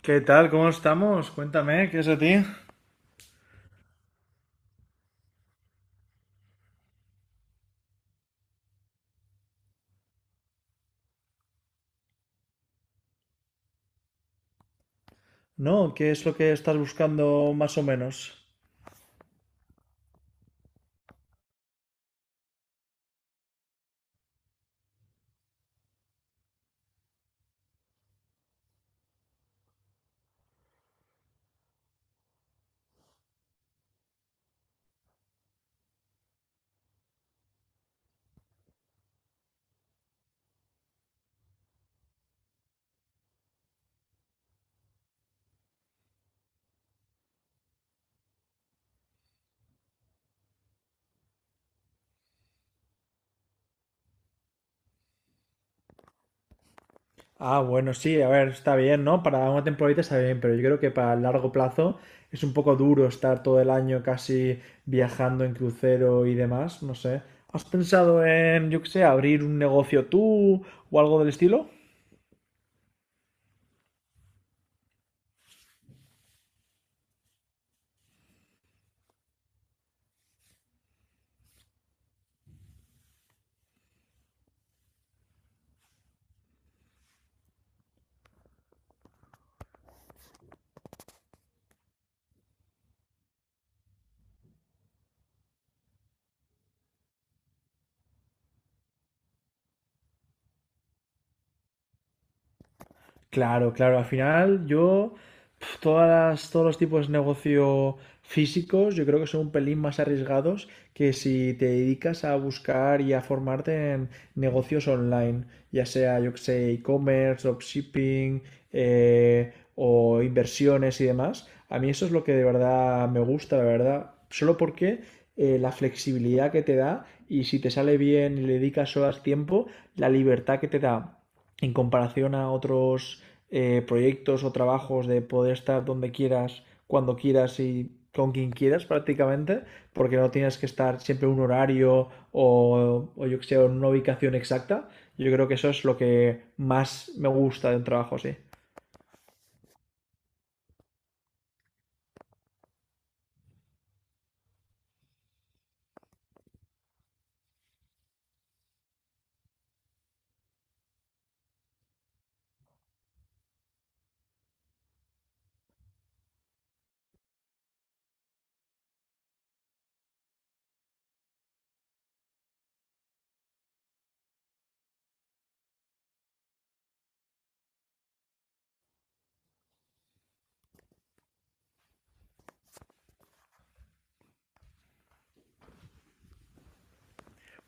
¿Qué tal? ¿Cómo estamos? Cuéntame, ¿qué es de ti? No, ¿qué es lo que estás buscando más o menos? Ah, bueno, sí, a ver, está bien, ¿no? Para una temporadita está bien, pero yo creo que para el largo plazo es un poco duro estar todo el año casi viajando en crucero y demás, no sé. ¿Has pensado en, yo qué sé, abrir un negocio tú o algo del estilo? Claro, claro. Al final, yo, pf, todas las- todos los tipos de negocio físicos, yo creo que son un pelín más arriesgados que si te dedicas a buscar y a formarte en negocios online, ya sea, yo que sé, e-commerce, dropshipping, o inversiones y demás. A mí eso es lo que de verdad me gusta, la verdad. Solo porque la flexibilidad que te da y si te sale bien y le dedicas horas tiempo, la libertad que te da en comparación a otros proyectos o trabajos de poder estar donde quieras, cuando quieras y con quien quieras prácticamente, porque no tienes que estar siempre en un horario o yo que sé, en una ubicación exacta. Yo creo que eso es lo que más me gusta de un trabajo así.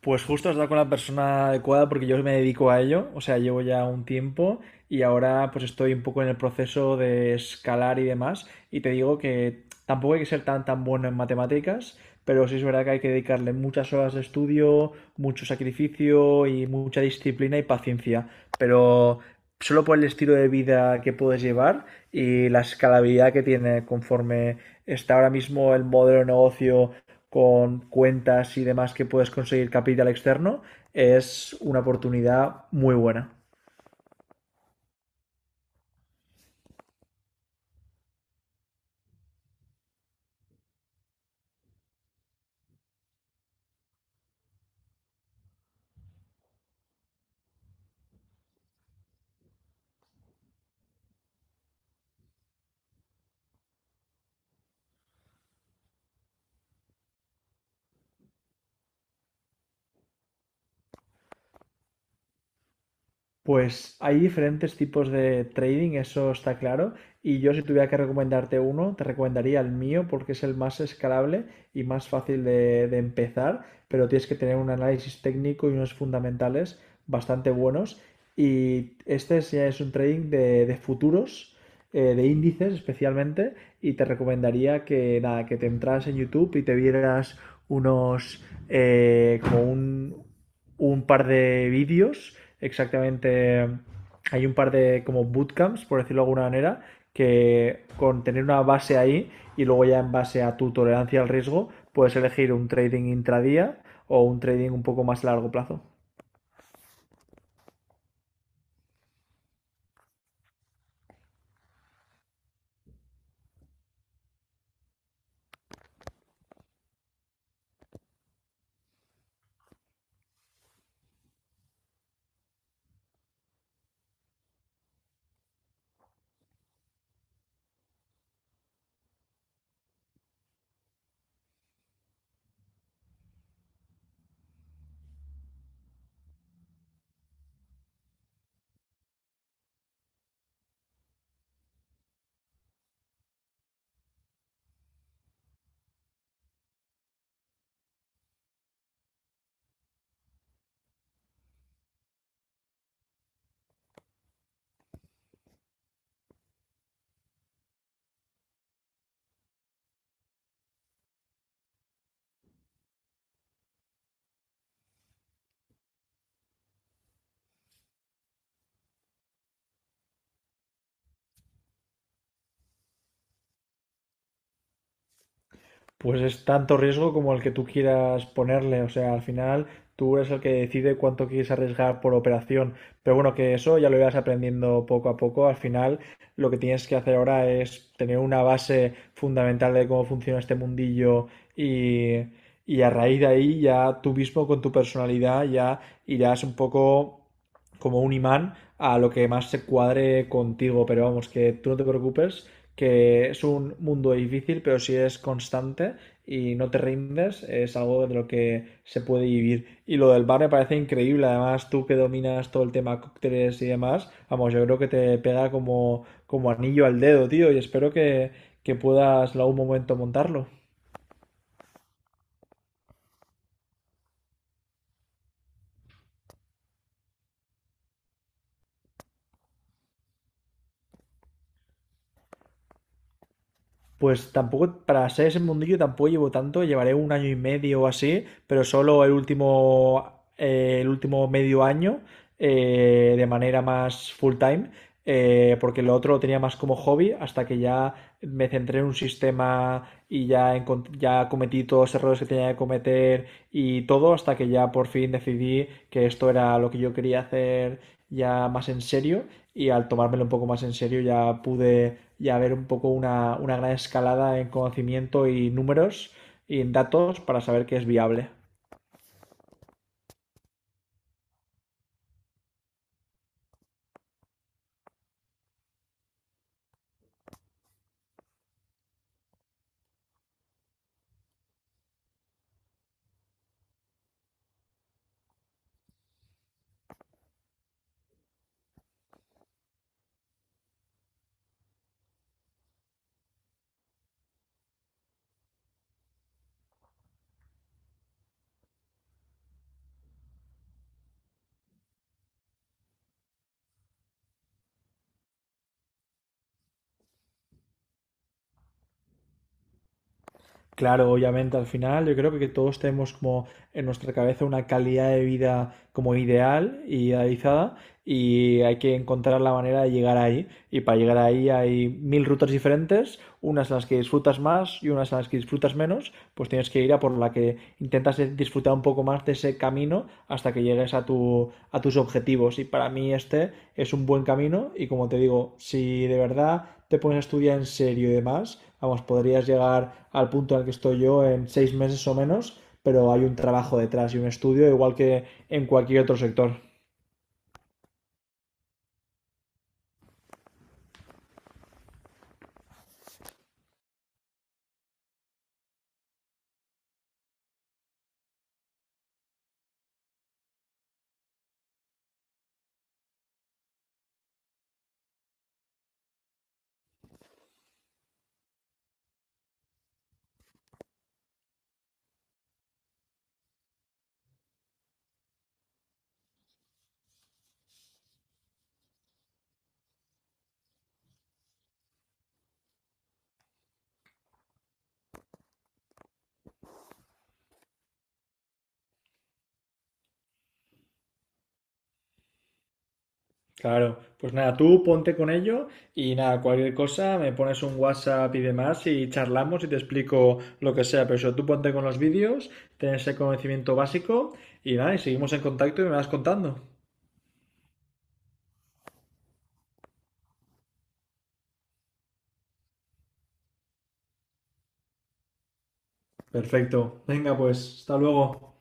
Pues justo has dado con la persona adecuada porque yo me dedico a ello, o sea, llevo ya un tiempo y ahora pues estoy un poco en el proceso de escalar y demás y te digo que tampoco hay que ser tan tan bueno en matemáticas, pero sí es verdad que hay que dedicarle muchas horas de estudio, mucho sacrificio y mucha disciplina y paciencia, pero solo por el estilo de vida que puedes llevar y la escalabilidad que tiene conforme está ahora mismo el modelo de negocio con cuentas y demás que puedes conseguir capital externo, es una oportunidad muy buena. Pues hay diferentes tipos de trading, eso está claro. Y yo si tuviera que recomendarte uno, te recomendaría el mío porque es el más escalable y más fácil de empezar, pero tienes que tener un análisis técnico y unos fundamentales bastante buenos. Y este es- ya es un trading de futuros, de índices especialmente, y te recomendaría que nada, que te entras en YouTube y te vieras como un par de vídeos exactamente. Hay un par de como bootcamps, por decirlo de alguna manera, que con tener una base ahí y luego ya en base a tu tolerancia al riesgo, puedes elegir un trading intradía o un trading un poco más a largo plazo. Pues es tanto riesgo como el que tú quieras ponerle. O sea, al final tú eres el que decide cuánto quieres arriesgar por operación. Pero bueno, que eso ya lo irás aprendiendo poco a poco. Al final, lo que tienes que hacer ahora es tener una base fundamental de cómo funciona este mundillo y, y a raíz de ahí ya tú mismo con tu personalidad ya irás un poco como un imán a lo que más se cuadre contigo. Pero vamos, que tú no te preocupes, que es un mundo difícil, pero si es constante y no te rindes, es algo de lo que se puede vivir. Y lo del bar me parece increíble. Además, tú que dominas todo el tema cócteles y demás, vamos, yo creo que te pega como, como anillo al dedo, tío, y espero que puedas en algún momento montarlo. Pues tampoco, para ser ese mundillo tampoco llevo tanto, llevaré un año y medio o así, pero solo el último medio año de manera más full time, porque lo otro lo tenía más como hobby hasta que ya me centré en un sistema y ya, ya cometí todos los errores que tenía que cometer y todo hasta que ya por fin decidí que esto era lo que yo quería hacer ya más en serio y al tomármelo un poco más en serio ya pude ya ver un poco una gran escalada en conocimiento y números y en datos para saber que es viable. Claro, obviamente al final yo creo que todos tenemos como en nuestra cabeza una calidad de vida como ideal y idealizada y hay que encontrar la manera de llegar ahí. Y para llegar ahí hay mil rutas diferentes, unas en las que disfrutas más y unas en las que disfrutas menos, pues tienes que ir a por la que intentas disfrutar un poco más de ese camino hasta que llegues a tus objetivos. Y para mí este es un buen camino y como te digo, si de verdad te pones a estudiar en serio y demás, vamos, podrías llegar al punto al que estoy yo en 6 meses o menos, pero hay un trabajo detrás y un estudio igual que en cualquier otro sector. Claro, pues nada, tú ponte con ello y nada, cualquier cosa, me pones un WhatsApp y demás y charlamos y te explico lo que sea, pero eso, tú ponte con los vídeos, ten ese conocimiento básico y nada, y seguimos en contacto y me vas contando. Perfecto, venga pues, hasta luego.